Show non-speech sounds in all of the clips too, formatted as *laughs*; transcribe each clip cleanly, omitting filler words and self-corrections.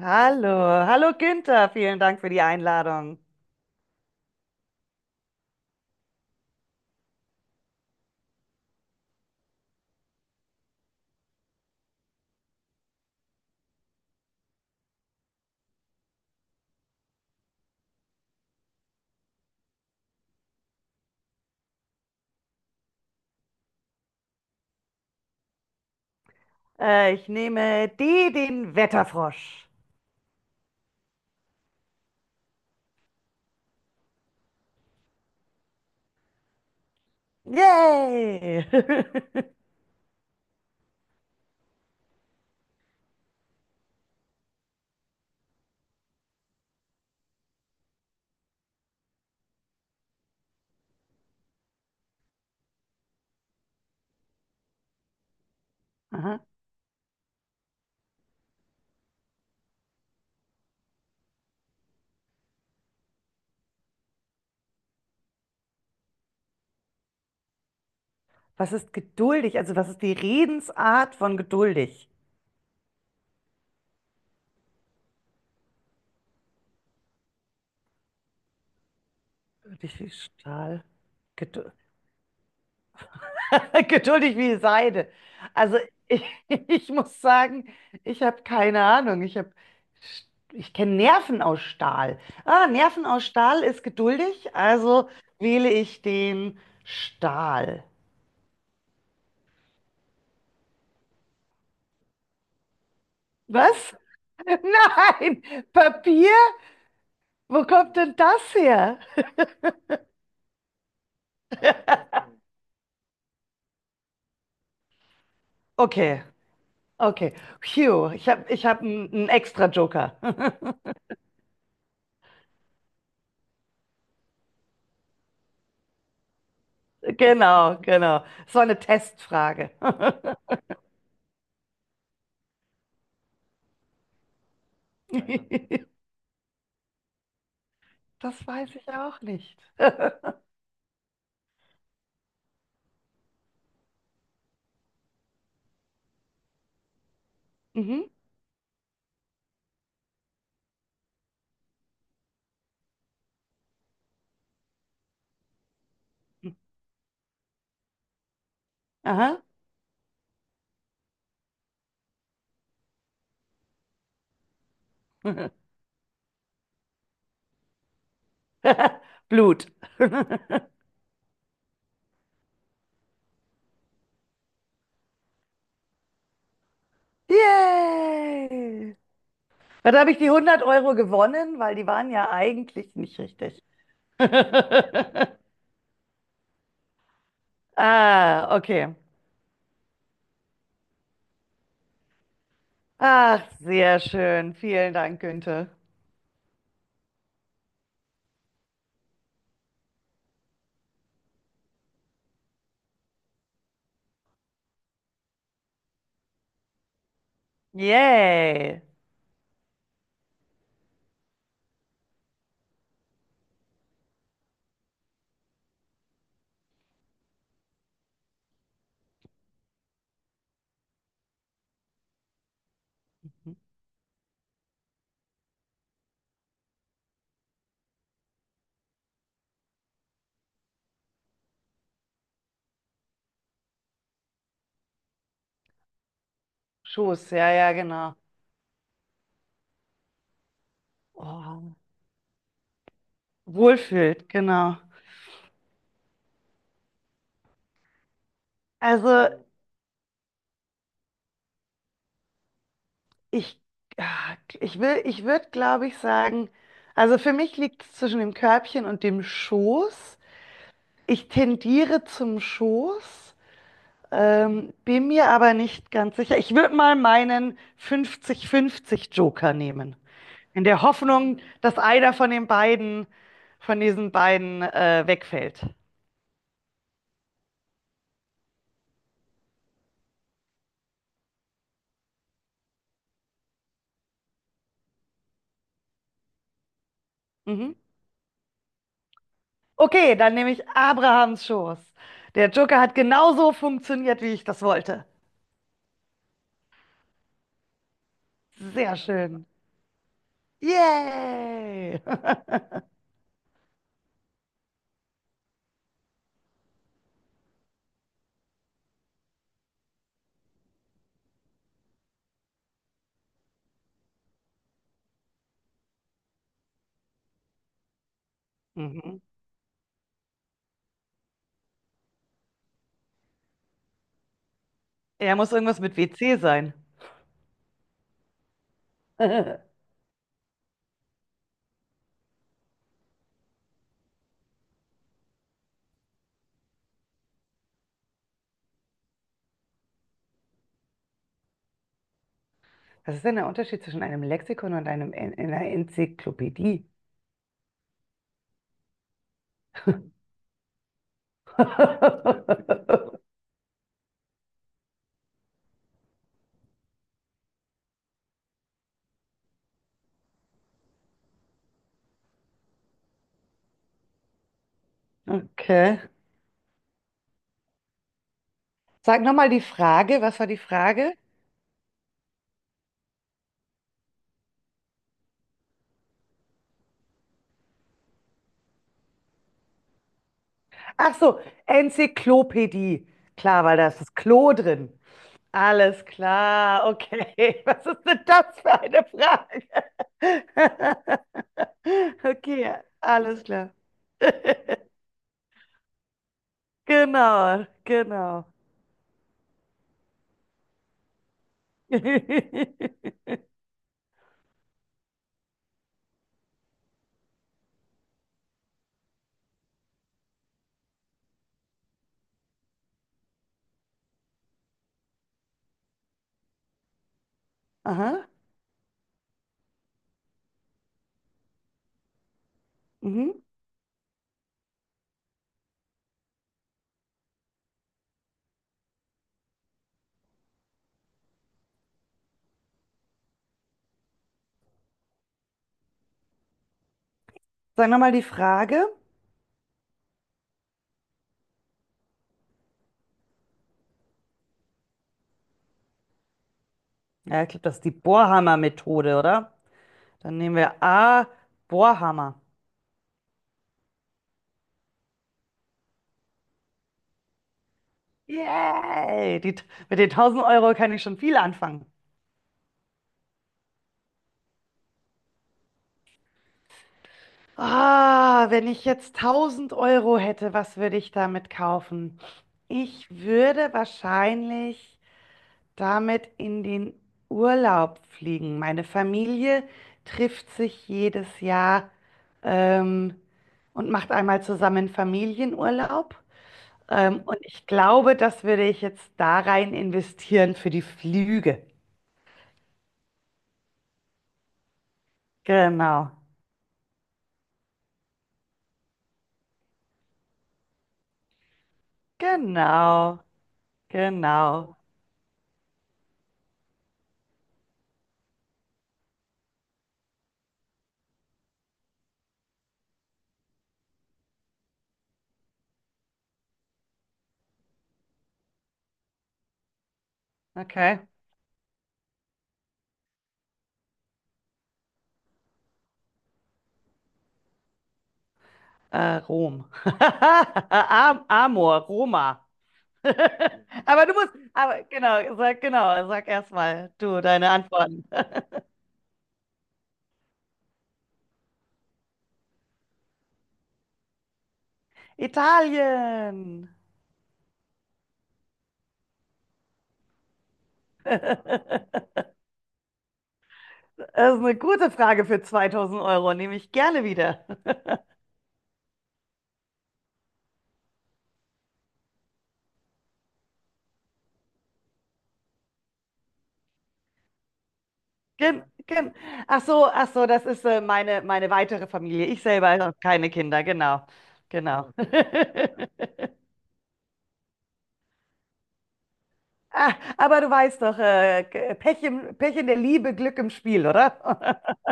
Hallo, hallo Günther, vielen Dank für die Einladung. Ich nehme D, den Wetterfrosch. Yay! *laughs* Aha. Was ist geduldig? Also was ist die Redensart von geduldig? Geduldig wie Stahl. Gedu *laughs* geduldig wie Seide. Also ich, *laughs* ich muss sagen, ich habe keine Ahnung. Ich kenne Nerven aus Stahl. Ah, Nerven aus Stahl ist geduldig, also wähle ich den Stahl. Was? *laughs* Nein, Papier? Wo kommt denn das her? Okay, okay. Phew, ich hab einen extra Joker. *laughs* Genau, genau. So eine Testfrage. *laughs* Das weiß ich auch nicht. Mhm. Aha. *laughs* Blut. *laughs* Yay! Ja, da habe ich die 100 Euro gewonnen, weil die waren ja eigentlich nicht richtig. *laughs* Ah, okay. Ach, sehr schön. Vielen Dank, Günther. Yay. Schoß, ja, ja, genau. Oh, wohlfühlt, genau. Also ich, ah, ich würde, glaube ich, sagen, also für mich liegt es zwischen dem Körbchen und dem Schoß. Ich tendiere zum Schoß. Bin mir aber nicht ganz sicher. Ich würde mal meinen 50-50 Joker nehmen. In der Hoffnung, dass einer von diesen beiden, wegfällt. Mhm. Okay, dann nehme ich Abrahams Schoß. Der Joker hat genauso funktioniert, wie ich das wollte. Sehr schön. Yay! *laughs* Mhm. Er muss irgendwas mit WC sein. *laughs* Was ist denn der Unterschied zwischen einem Lexikon und einer Enzyklopädie? *laughs* Okay. Sag nochmal die Frage. Was war die Frage? Ach so, Enzyklopädie. Klar, weil da ist das Klo drin. Alles klar, okay. *laughs* Was ist denn das für eine Frage? *laughs* Okay, alles klar. *laughs* Genau, genau. *laughs* Aha. Mhm. Sag nochmal die Frage. Ja, ich glaube, das ist die Bohrhammer-Methode, oder? Dann nehmen wir A, Bohrhammer. Yay! Die, mit den 1000 Euro kann ich schon viel anfangen. Ah, wenn ich jetzt 1000 Euro hätte, was würde ich damit kaufen? Ich würde wahrscheinlich damit in den Urlaub fliegen. Meine Familie trifft sich jedes Jahr ähm, und macht einmal zusammen Familienurlaub. Und ich glaube, das würde ich jetzt da rein investieren für die Flüge. Genau, genau. Genau. Okay. Rom. *laughs* Am Amor, Roma. *laughs* Aber genau, sag erstmal du deine Antworten. Italien. *laughs* Das ist eine gute Frage für 2000 Euro, nehme ich gerne wieder. *laughs* Gen, gen. Ach so, das ist meine weitere Familie. Ich selber habe keine Kinder, genau, genau. *laughs* Ah, aber du weißt doch, Pech in der Liebe, Glück im Spiel, oder? *laughs*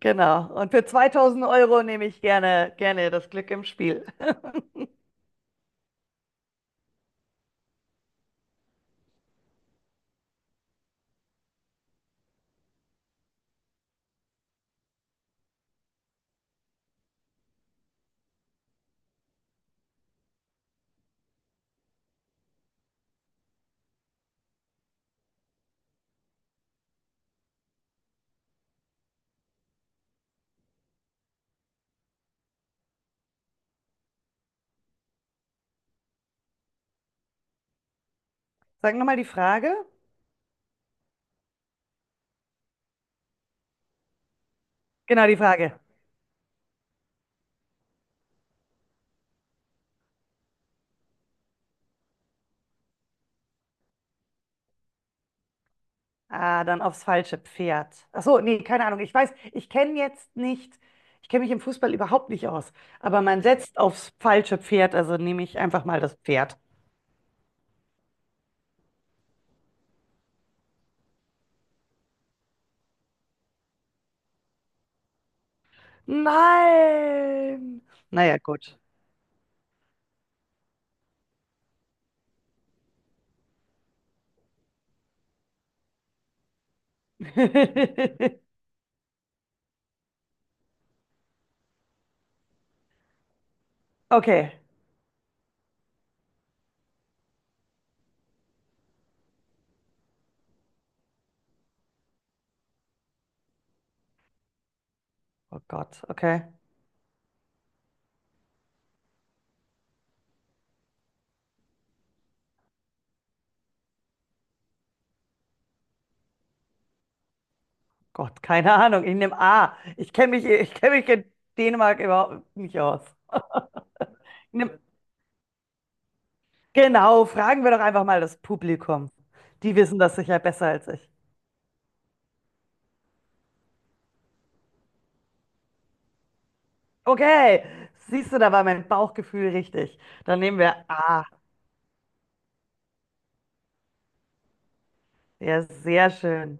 Genau. Und für 2000 Euro nehme ich gerne das Glück im Spiel. Sag nochmal die Frage. Genau, die Frage. Ah, dann aufs falsche Pferd. Ach so, nee, keine Ahnung. Ich kenne mich im Fußball überhaupt nicht aus. Aber man setzt aufs falsche Pferd, also nehme ich einfach mal das Pferd. Nein! Naja, gut. *laughs* Okay. Oh Gott, okay. Gott, keine Ahnung. Ich nehme A. Ich kenne mich in Dänemark überhaupt nicht aus. Ich nehm, genau, fragen wir doch einfach mal das Publikum. Die wissen das sicher besser als ich. Okay, siehst du, da war mein Bauchgefühl richtig. Dann nehmen wir A. Ja, sehr schön.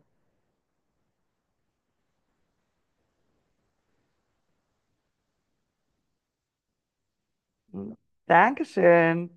Dankeschön.